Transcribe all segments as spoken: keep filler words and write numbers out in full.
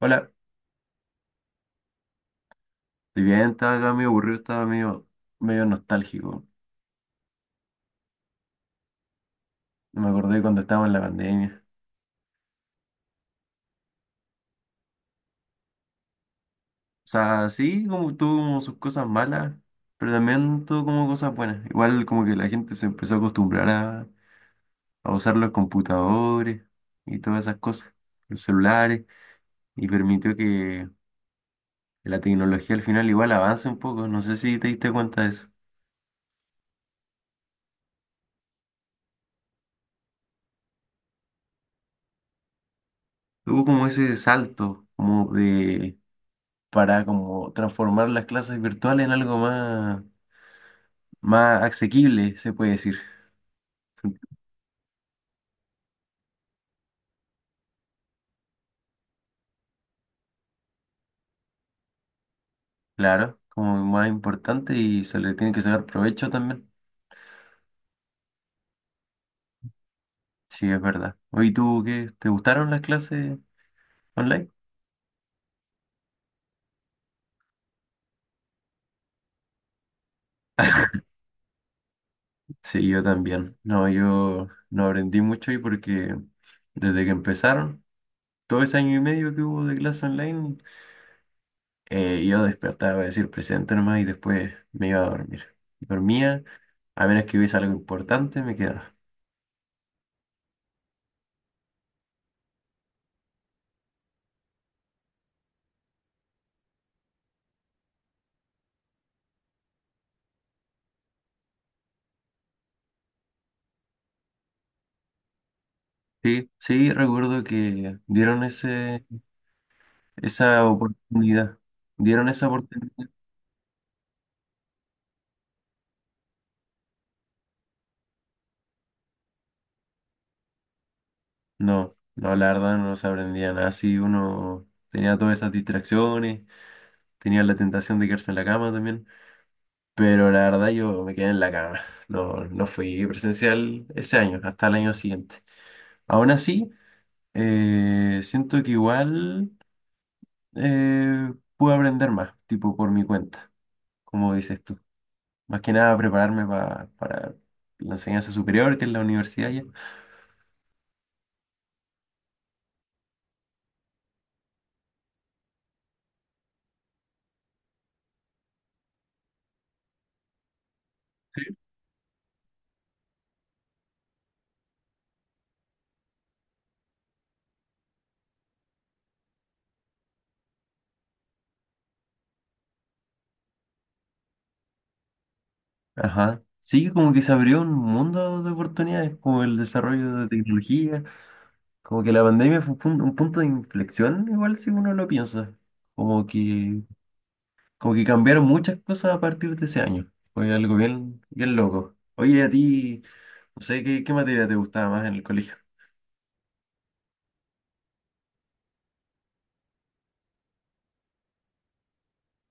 Hola, estoy bien, estaba acá medio aburrido, estaba medio, medio nostálgico. Me acordé cuando estábamos en la pandemia. O sea, sí, como tuvo como sus cosas malas, pero también tuvo como cosas buenas. Igual como que la gente se empezó a acostumbrar a, a usar los computadores y todas esas cosas, los celulares, y permitió que la tecnología al final igual avance un poco. No sé si te diste cuenta de eso. Hubo como ese salto, como de, para como transformar las clases virtuales en algo más más asequible, se puede decir. Sí. Claro, como más importante y se le tiene que sacar provecho también. Sí, es verdad. Oye, ¿tú qué? ¿Te gustaron las clases online? Sí, yo también. No, yo no aprendí mucho ahí porque desde que empezaron, todo ese año y medio que hubo de clase online, eh, yo despertaba para decir presente nomás y después me iba a dormir. Dormía, a menos que hubiese algo importante, me quedaba. Sí, sí, recuerdo que dieron ese esa oportunidad. ¿Dieron esa oportunidad? No, no, la verdad no se aprendía nada. Así uno tenía todas esas distracciones, tenía la tentación de quedarse en la cama también. Pero la verdad yo me quedé en la cama. No, no fui presencial ese año, hasta el año siguiente. Aún así, eh, siento que igual eh, pude aprender más, tipo por mi cuenta, como dices tú. Más que nada prepararme pa- para la enseñanza superior, que es la universidad ya. Ajá. Sí, como que se abrió un mundo de oportunidades, como el desarrollo de tecnología, como que la pandemia fue un, pun- un punto de inflexión, igual si uno lo piensa, como que, como que cambiaron muchas cosas a partir de ese año. Fue algo bien, bien loco. Oye, a ti, no sé, ¿qué, qué materia te gustaba más en el colegio?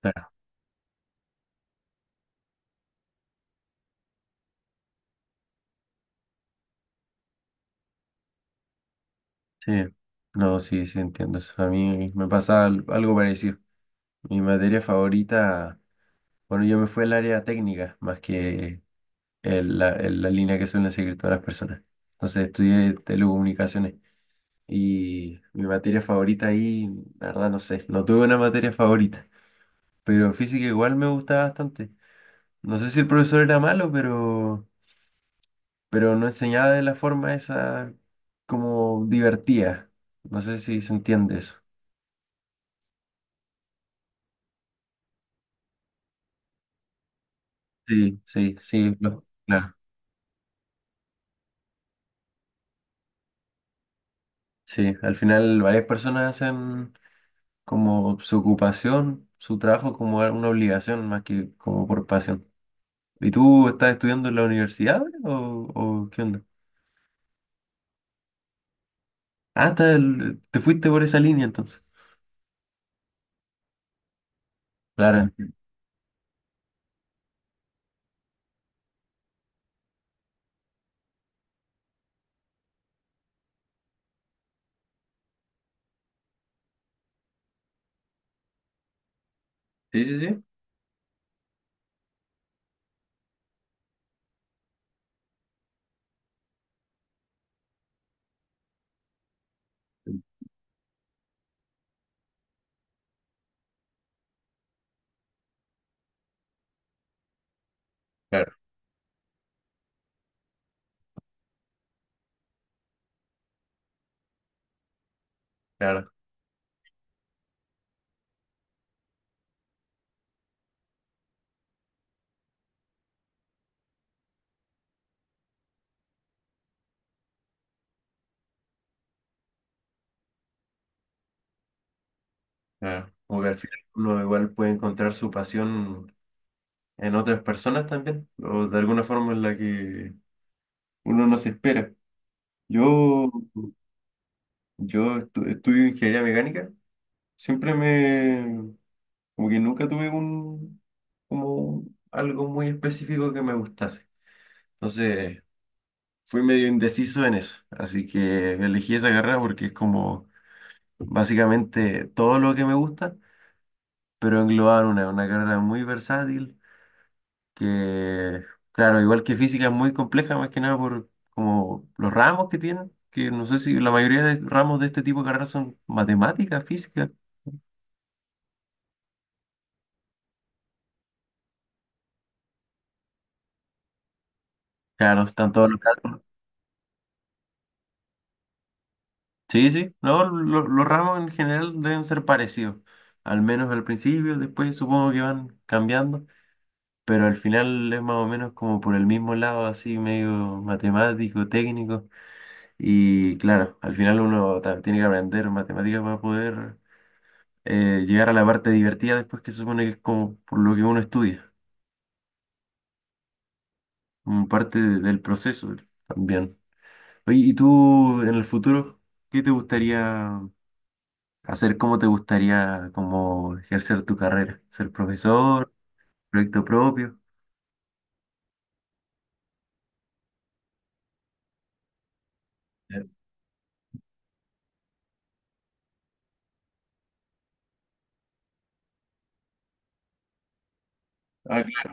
Claro, sí. No, sí, sí, entiendo eso. A mí me pasaba al- algo parecido. Mi materia favorita, bueno, yo me fui al área técnica, más que es la, es la línea que suelen seguir todas las personas. Entonces estudié telecomunicaciones y mi materia favorita ahí, la verdad no sé, no tuve una materia favorita, pero física igual me gustaba bastante. No sé si el profesor era malo, pero, pero no enseñaba de la forma esa como divertida. No sé si se entiende eso. Sí, sí, sí, lo- claro. Sí, al final varias personas hacen como su ocupación, su trabajo como una obligación más que como por pasión. ¿Y tú estás estudiando en la universidad ahora o, o qué onda? Ah, estás el- te fuiste por esa línea entonces. Claro. Sí, sí, sí. Claro, claro, claro. Como que al final uno igual puede encontrar su pasión en otras personas también, o de alguna forma en la que uno no se espera. Yo, yo estu- estudio ingeniería mecánica, siempre me, como que nunca tuve un, como algo muy específico que me gustase. Entonces, fui medio indeciso en eso, así que elegí esa carrera porque es como básicamente todo lo que me gusta, pero englobado una, una carrera muy versátil, que claro, igual que física es muy compleja, más que nada por como los ramos que tienen, que no sé si la mayoría de ramos de este tipo de carreras son matemáticas, física, claro, están todos los cálculos. Sí, sí, no, lo- los ramos en general deben ser parecidos, al menos al principio, después supongo que van cambiando. Pero al final es más o menos como por el mismo lado, así medio matemático, técnico. Y claro, al final uno ta- tiene que aprender matemáticas para poder eh, llegar a la parte divertida después que se supone que es como por lo que uno estudia, como parte de- del proceso también. Oye, ¿y tú en el futuro qué te gustaría hacer? ¿Cómo te gustaría como ejercer tu carrera? ¿Ser profesor? ¿Proyecto propio? Ya. Ah,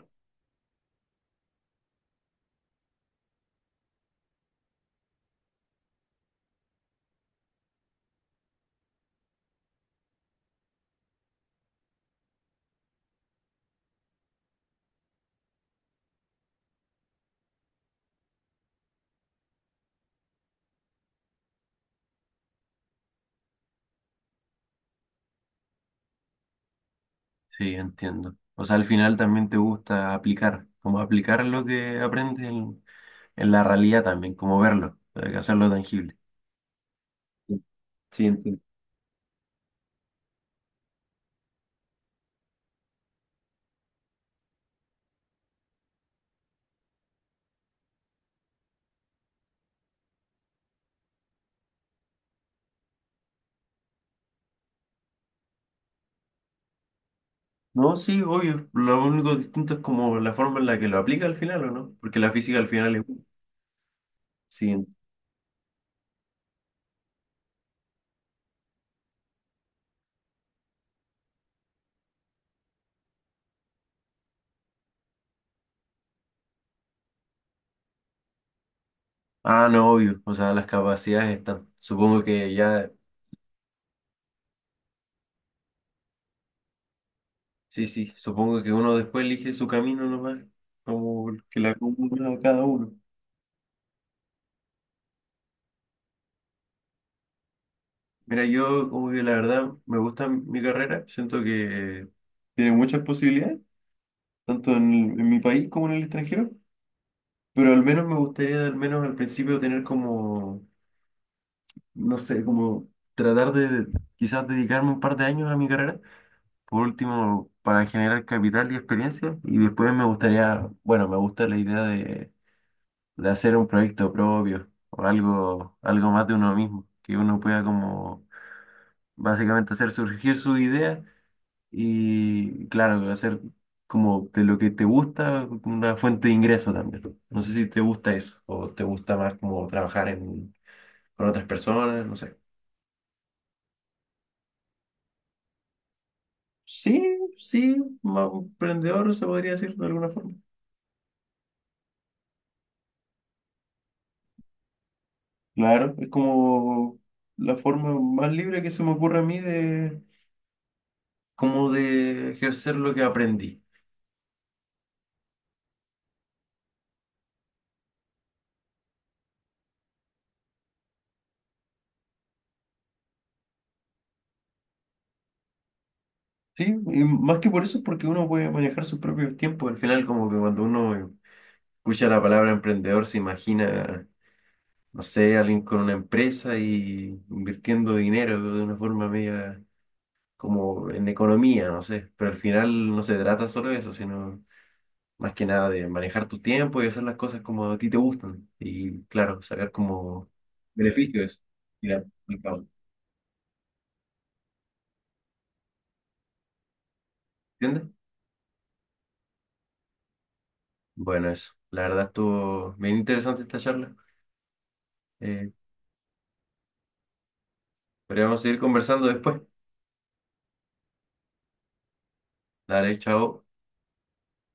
sí, entiendo. O sea, al final también te gusta aplicar, como aplicar lo que aprendes en, en la realidad también, como verlo, o sea, hacerlo tangible. Sí, sí, entiendo. No, sí, obvio. Lo único distinto es como la forma en la que lo aplica al final, ¿o no? Porque la física al final es una. Sí. ent- Ah, no, obvio. O sea, las capacidades están. Supongo que ya... Sí, sí. Supongo que uno después elige su camino nomás, como el que la acumula a cada uno. Mira, yo como que la verdad me gusta mi carrera, siento que tiene muchas posibilidades, tanto en, el- en mi país como en el extranjero, pero al menos me gustaría al menos al principio tener como, no sé, como tratar de quizás dedicarme un par de años a mi carrera, por último, para generar capital y experiencia, y después me gustaría, bueno, me gusta la idea de, de hacer un proyecto propio o algo, algo más de uno mismo, que uno pueda como básicamente hacer surgir sus ideas y claro, hacer como de lo que te gusta, una fuente de ingreso también. No sé si te gusta eso o te gusta más como trabajar en, con otras personas, no sé. Sí, sí, más emprendedor se podría decir de alguna forma. Claro, es como la forma más libre que se me ocurre a mí de como de ejercer lo que aprendí. Sí, y más que por eso es porque uno puede manejar sus propios tiempos. Al final, como que cuando uno escucha la palabra emprendedor, se imagina no sé, alguien con una empresa y invirtiendo dinero de una forma media como en economía, no sé, pero al final no se trata solo de eso, sino más que nada de manejar tu tiempo y hacer las cosas como a ti te gustan y claro, sacar como beneficio de eso. Mira, el pago, ¿entiendes? Bueno, eso, la verdad estuvo bien interesante esta charla. Eh, podríamos seguir conversando después. Dale, chao.